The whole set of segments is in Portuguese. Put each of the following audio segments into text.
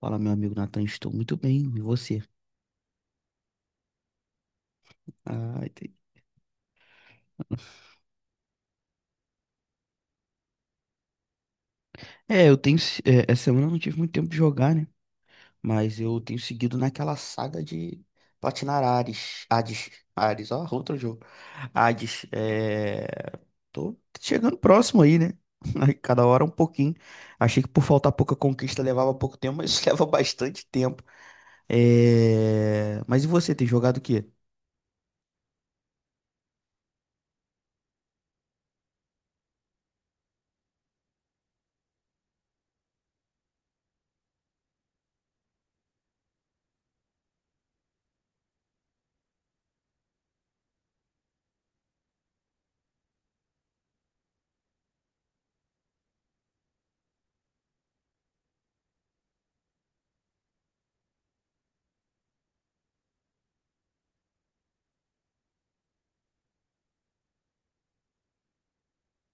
Fala, meu amigo Nathan, estou muito bem, e você? Ah, entendi. É, eu tenho. Essa semana eu não tive muito tempo de jogar, né? Mas eu tenho seguido naquela saga de platinar Ares. Hades. Ares, ó, outro jogo. Hades. Tô chegando próximo aí, né? Aí, cada hora um pouquinho. Achei que por faltar pouca conquista levava pouco tempo, mas isso leva bastante tempo. Mas e você, tem jogado o quê?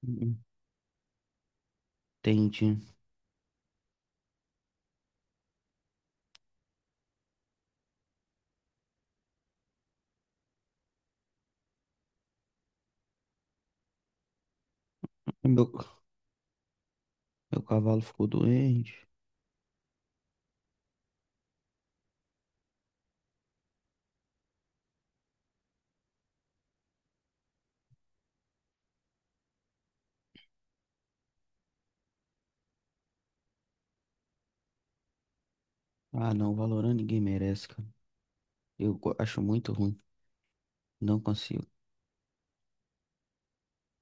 Hum, Entendi. Meu, meu cavalo ficou doente. Ah, não, Valorant ninguém merece, cara. Eu acho muito ruim. Não consigo.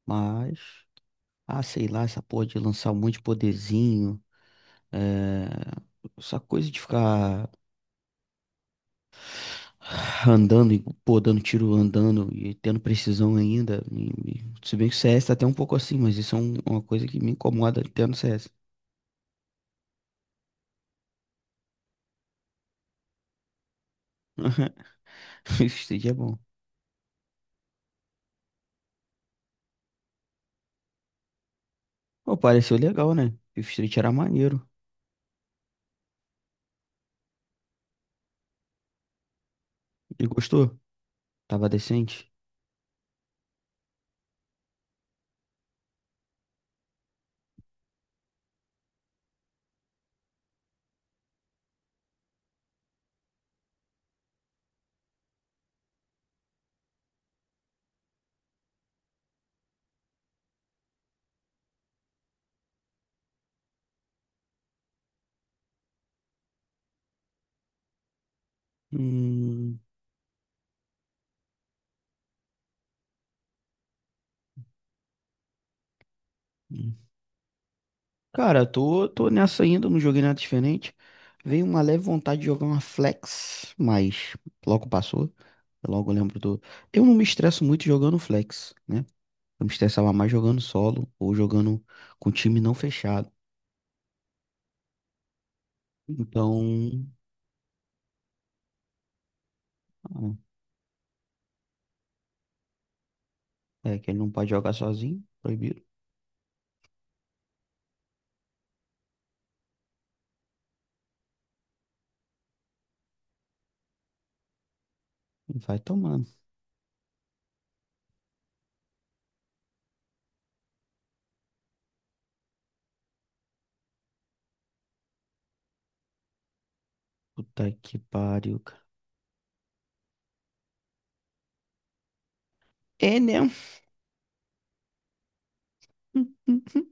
Mas, ah, sei lá, essa porra de lançar um monte de poderzinho. É... Essa coisa de ficar andando e, pô, dando tiro andando e tendo precisão ainda. Se bem que o CS tá até um pouco assim, mas isso é uma coisa que me incomoda até no CS. Fifth Street é bom. Pô, pareceu legal, né? Fifth Street era maneiro. E gostou? Tava decente? Hum. Hum. Cara, tô nessa ainda, não joguei nada diferente. Veio uma leve vontade de jogar uma flex, mas logo passou. Eu logo lembro do. Eu não me estresso muito jogando flex, né? Eu me estressava mais jogando solo ou jogando com time não fechado. Então, ah, é que ele não pode jogar sozinho, proibido. Vai tomando. Puta que pariu, cara. É, né?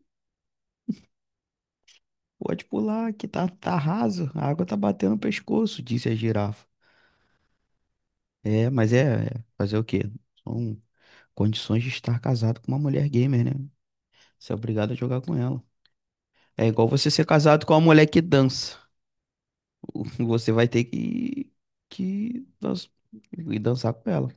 Pode pular, que tá raso. A água tá batendo no pescoço, disse a girafa. É, mas é fazer o quê? São condições de estar casado com uma mulher gamer, né? Você é obrigado a jogar com ela. É igual você ser casado com uma mulher que dança. Você vai ter que ir dançar com ela.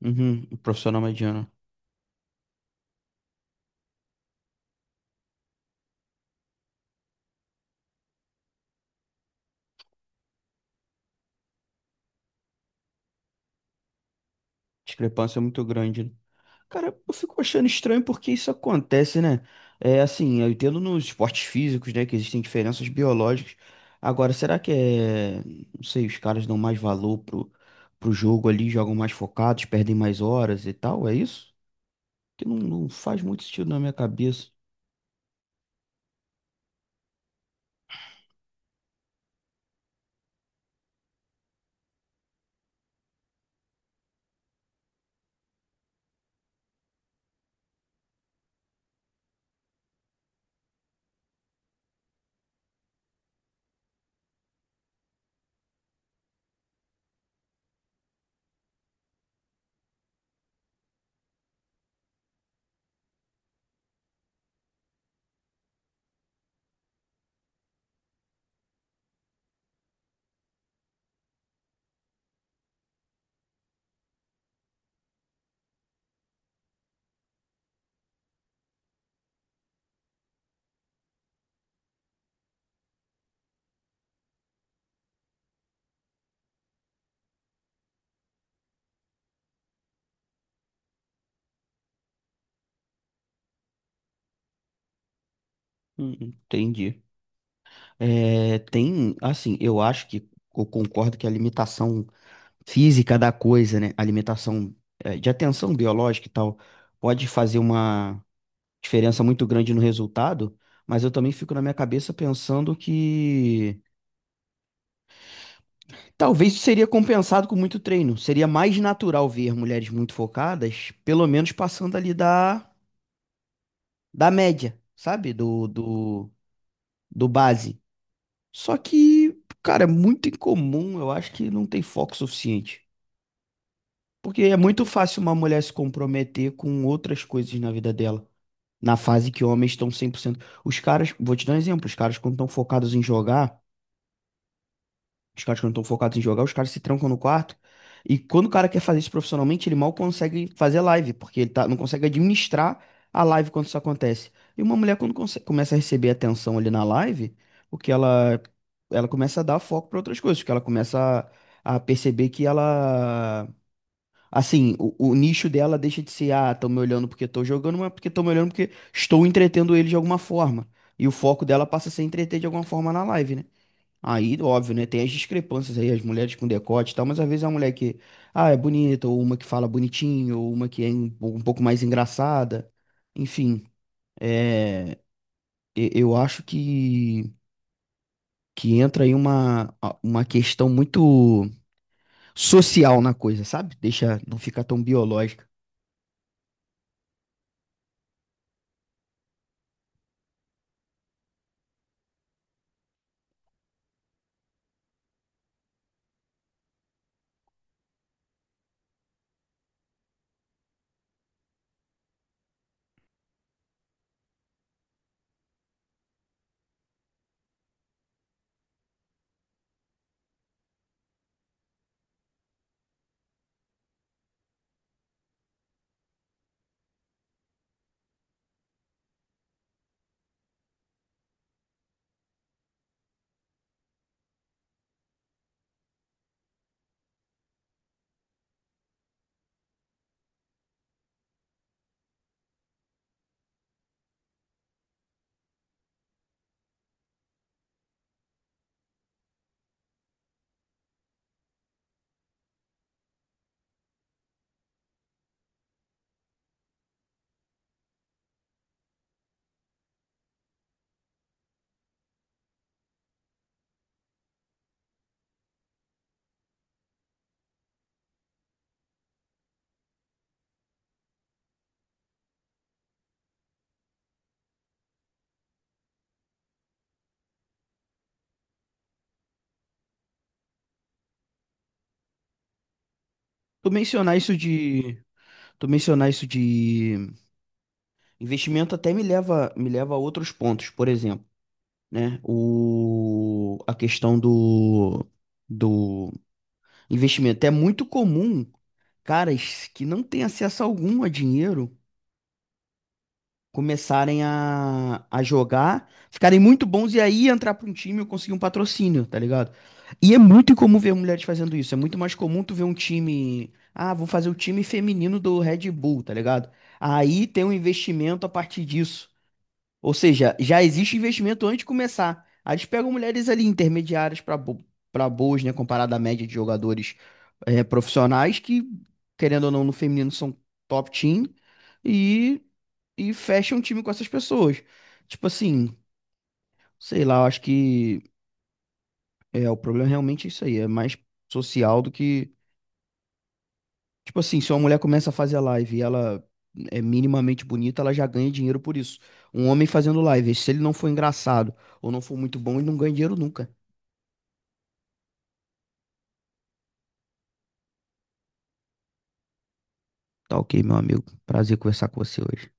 Uhum, o profissional mediano. Discrepância é muito grande, né? Cara, eu fico achando estranho porque isso acontece, né? É assim, eu entendo nos esportes físicos, né, que existem diferenças biológicas. Agora, será que é, não sei, os caras dão mais valor pro jogo ali, jogam mais focados, perdem mais horas e tal, é isso? Que não, não faz muito sentido na minha cabeça. Entendi. É, tem, assim, eu acho que eu concordo que a limitação física da coisa, né? A limitação é, de atenção biológica e tal, pode fazer uma diferença muito grande no resultado, mas eu também fico na minha cabeça pensando que talvez isso seria compensado com muito treino. Seria mais natural ver mulheres muito focadas, pelo menos passando ali da média, sabe? Do base. Só que, cara, é muito incomum, eu acho que não tem foco suficiente. Porque é muito fácil uma mulher se comprometer com outras coisas na vida dela, na fase que homens estão cem por cento. Os caras, vou te dar um exemplo, os caras quando estão focados em jogar. Os caras que não estão focados em jogar, os caras se trancam no quarto. E quando o cara quer fazer isso profissionalmente, ele mal consegue fazer live, porque ele tá, não consegue administrar a live quando isso acontece. E uma mulher, quando começa a receber atenção ali na live, o que ela começa a dar foco para outras coisas, porque ela começa a perceber que ela. Assim, o nicho dela deixa de ser, ah, estão me olhando porque estou jogando, mas porque estão me olhando porque estou entretendo ele de alguma forma. E o foco dela passa a ser entreter de alguma forma na live, né? Aí, óbvio, né? Tem as discrepâncias aí, as mulheres com decote e tal, mas às vezes é uma mulher que, ah, é bonita, ou uma que fala bonitinho, ou uma que é um pouco mais engraçada. Enfim, é, eu acho que entra aí uma questão muito social na coisa, sabe? Deixa não ficar tão biológica. Tu mencionar isso de, tu mencionar isso de investimento até me leva, a outros pontos, por exemplo, né? A questão do investimento. É muito comum caras que não têm acesso algum a dinheiro começarem a jogar, ficarem muito bons e aí entrar para um time e conseguir um patrocínio, tá ligado? E é muito incomum ver mulheres fazendo isso. É muito mais comum tu ver um time. Ah, vou fazer o time feminino do Red Bull, tá ligado? Aí tem um investimento a partir disso. Ou seja, já existe investimento antes de começar. Aí eles pegam mulheres ali intermediárias para boas, né? Comparado à média de jogadores profissionais que, querendo ou não, no feminino são top team e, e fecham um time com essas pessoas. Tipo assim, sei lá, eu acho que é, o problema realmente é isso aí, é mais social do que. Tipo assim, se uma mulher começa a fazer live e ela é minimamente bonita, ela já ganha dinheiro por isso. Um homem fazendo live, se ele não for engraçado ou não for muito bom, ele não ganha dinheiro nunca. Tá ok, meu amigo. Prazer conversar com você hoje.